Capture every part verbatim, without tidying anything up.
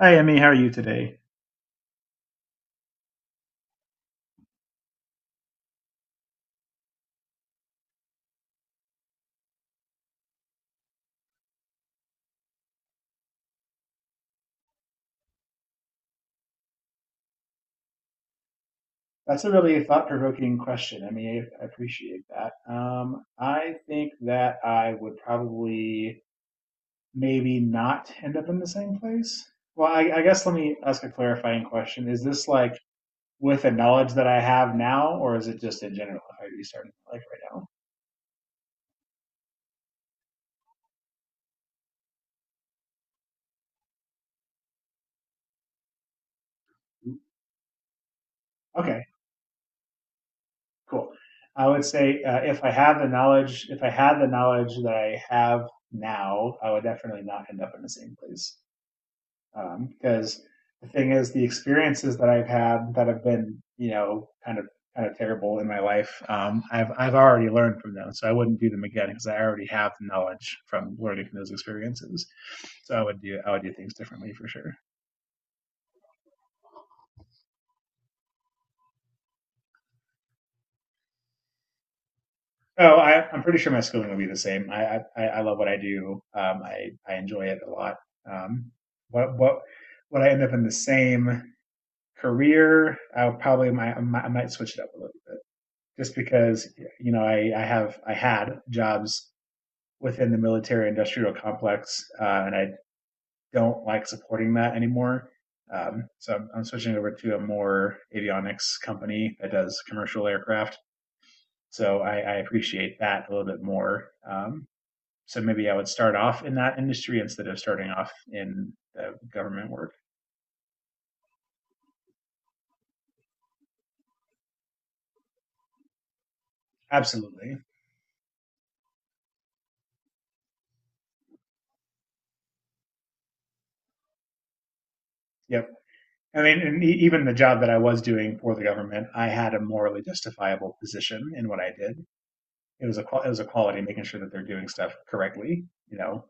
Hi, Emmy. How are you today? That's a really thought-provoking question. I mean, I appreciate that. Um, I think that I would probably maybe not end up in the same place. Well, I, I guess let me ask a clarifying question. Is this like with the knowledge that I have now, or is it just in general if I restart my life right now? Okay, cool. I would say uh, if I have the knowledge, if I had the knowledge that I have now, I would definitely not end up in the same place. Um, because the thing is, the experiences that I've had that have been, you know, kind of kind of terrible in my life, um, I've I've already learned from them, so I wouldn't do them again because I already have the knowledge from learning from those experiences. So I would do I would do things differently for sure. Oh, I, I'm pretty sure my schooling will be the same. I I, I love what I do. Um, I I enjoy it a lot. Um, what what would I end up in the same? Career, I will probably might, I might I might switch it up a little bit just because you know I, I have I had jobs within the military industrial complex uh, and I don't like supporting that anymore. Um, so I'm, I'm switching over to a more avionics company that does commercial aircraft. So I, I appreciate that a little bit more. Um, so maybe I would start off in that industry instead of starting off in the government work. Absolutely. Yep. I mean, and e- even the job that I was doing for the government, I had a morally justifiable position in what I did. It was a it was a quality, making sure that they're doing stuff correctly. You know.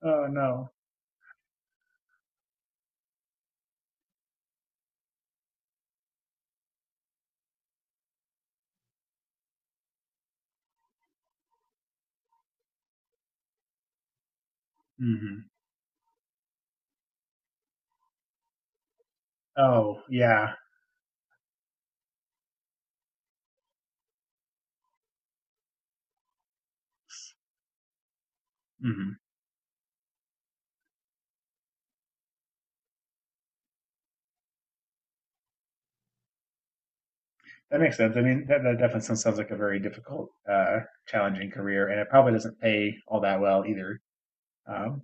Oh no. Hmm. Oh yeah. Hmm. That makes sense. I mean, that, that definitely sounds like a very difficult, uh, challenging career, and it probably doesn't pay all that well either. Um,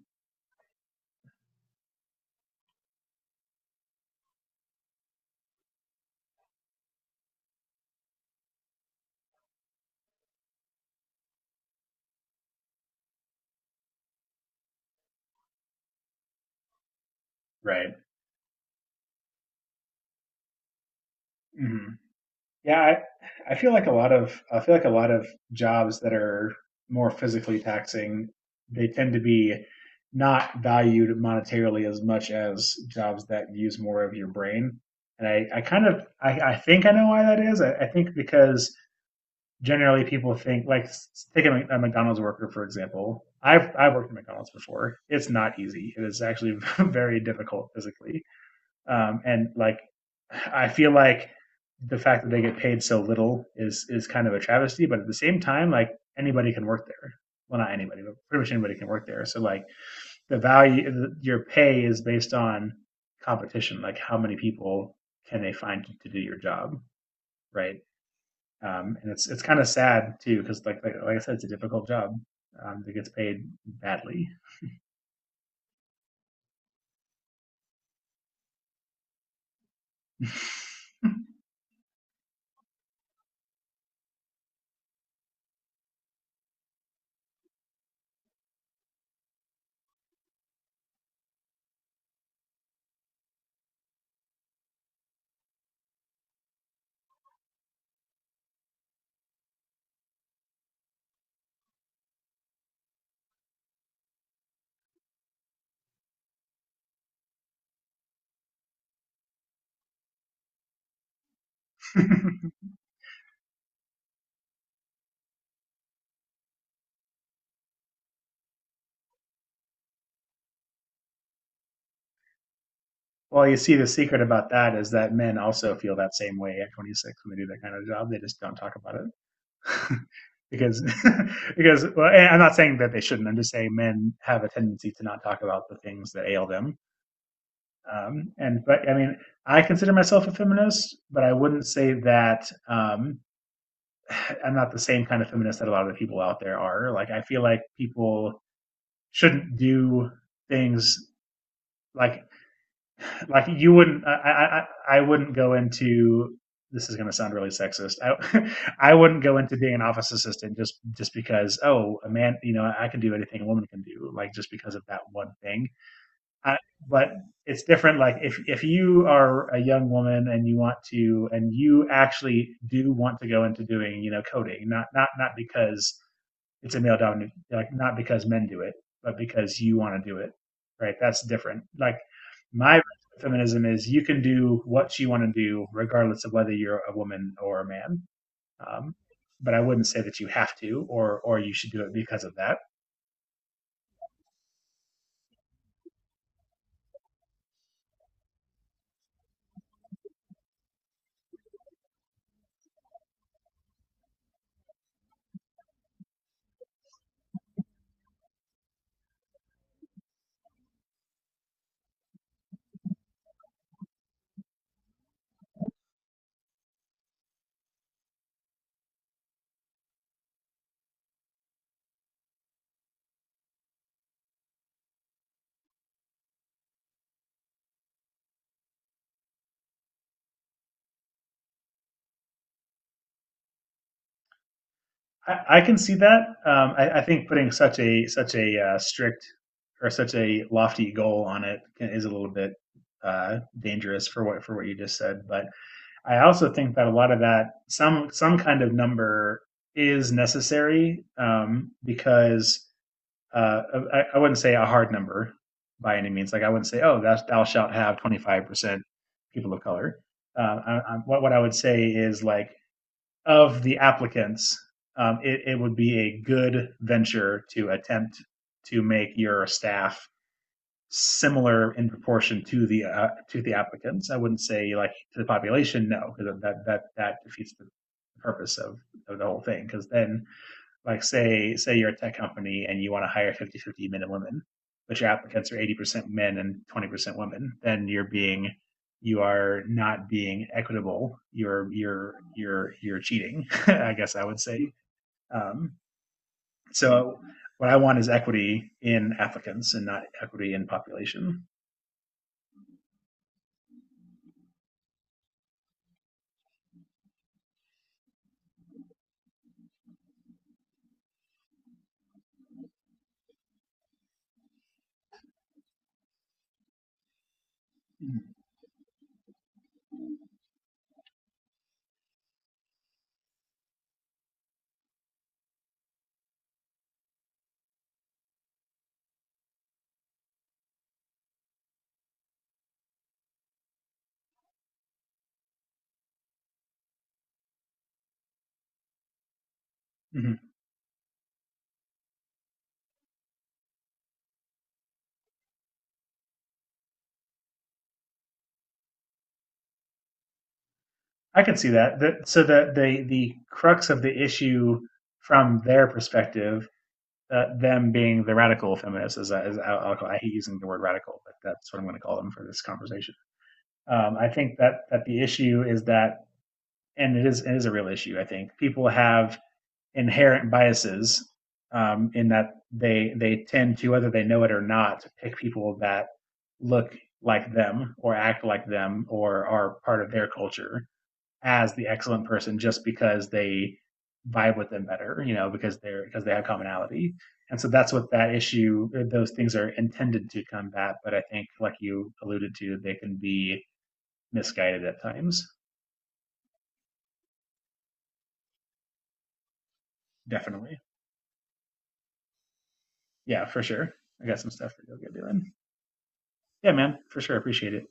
right. Mm-hmm. Yeah, I, I feel like a lot of I feel like a lot of jobs that are more physically taxing, they tend to be not valued monetarily as much as jobs that use more of your brain. And I, I kind of I, I think I know why that is. I, I think because generally people think like s- take a, Mc- a McDonald's worker for example. I've I've worked at McDonald's before. It's not easy. It is actually very difficult physically um, and like, I feel like the fact that they get paid so little is is kind of a travesty. But at the same time, like anybody can work there. Well, not anybody, but pretty much anybody can work there. So like the value, your pay is based on competition. Like how many people can they find to do your job, right? Um, and it's it's kind of sad too because like, like like I said, it's a difficult job um, that gets paid badly. Well, you see, the secret about that is that men also feel that same way at twenty-six when they do that kind of job. They just don't talk about it because, because well, I'm not saying that they shouldn't. I'm just saying men have a tendency to not talk about the things that ail them. Um, and but I mean, I consider myself a feminist, but I wouldn't say that um, I'm not the same kind of feminist that a lot of the people out there are. Like, I feel like people shouldn't do things like like you wouldn't I, I I wouldn't go into this is going to sound really sexist I I wouldn't go into being an office assistant just just because oh a man you know I can do anything a woman can do like just because of that one thing. I, but it's different like if if you are a young woman and you want to and you actually do want to go into doing you know coding not not not because it's a male dominated like not because men do it but because you want to do it right that's different like my feminism is you can do what you want to do regardless of whether you're a woman or a man um, but I wouldn't say that you have to or or you should do it because of that. i, I can see that um, I, I think putting such a such a uh, strict or such a lofty goal on it is a little bit uh, dangerous for what for what you just said but I also think that a lot of that some some kind of number is necessary um, because uh, I, I wouldn't say a hard number by any means. Like I wouldn't say, oh, that's, thou shalt have twenty five percent people of color. Uh, I, I, what what I would say is like of the applicants, um, it, it would be a good venture to attempt to make your staff similar in proportion to the uh, to the applicants. I wouldn't say like to the population, no, because that that that defeats the purpose of, of the whole thing. Because then, like say say you're a tech company and you want to hire fifty fifty men and women, but your applicants are eighty percent men and twenty percent women, then you're being you are not being equitable. You're you're you're you're cheating. I guess I would say. Um, so what I want is equity in applicants and not equity in population. Hmm. I can see that. The, so the, the the crux of the issue from their perspective, uh, them being the radical feminists, as, I- as I'll call, I hate using the word radical, but that's what I'm going to call them for this conversation. Um, I think that that the issue is that, and it is it is a real issue. I think people have inherent biases um, in that they they tend to, whether they know it or not, pick people that look like them or act like them or are part of their culture as the excellent person just because they vibe with them better, you know, because they're because they have commonality. And so that's what that issue, uh, those things are intended to combat. But I think, like you alluded to, they can be misguided at times. Definitely. Yeah, for sure. I got some stuff to go get doing. Yeah, man, for sure. Appreciate it.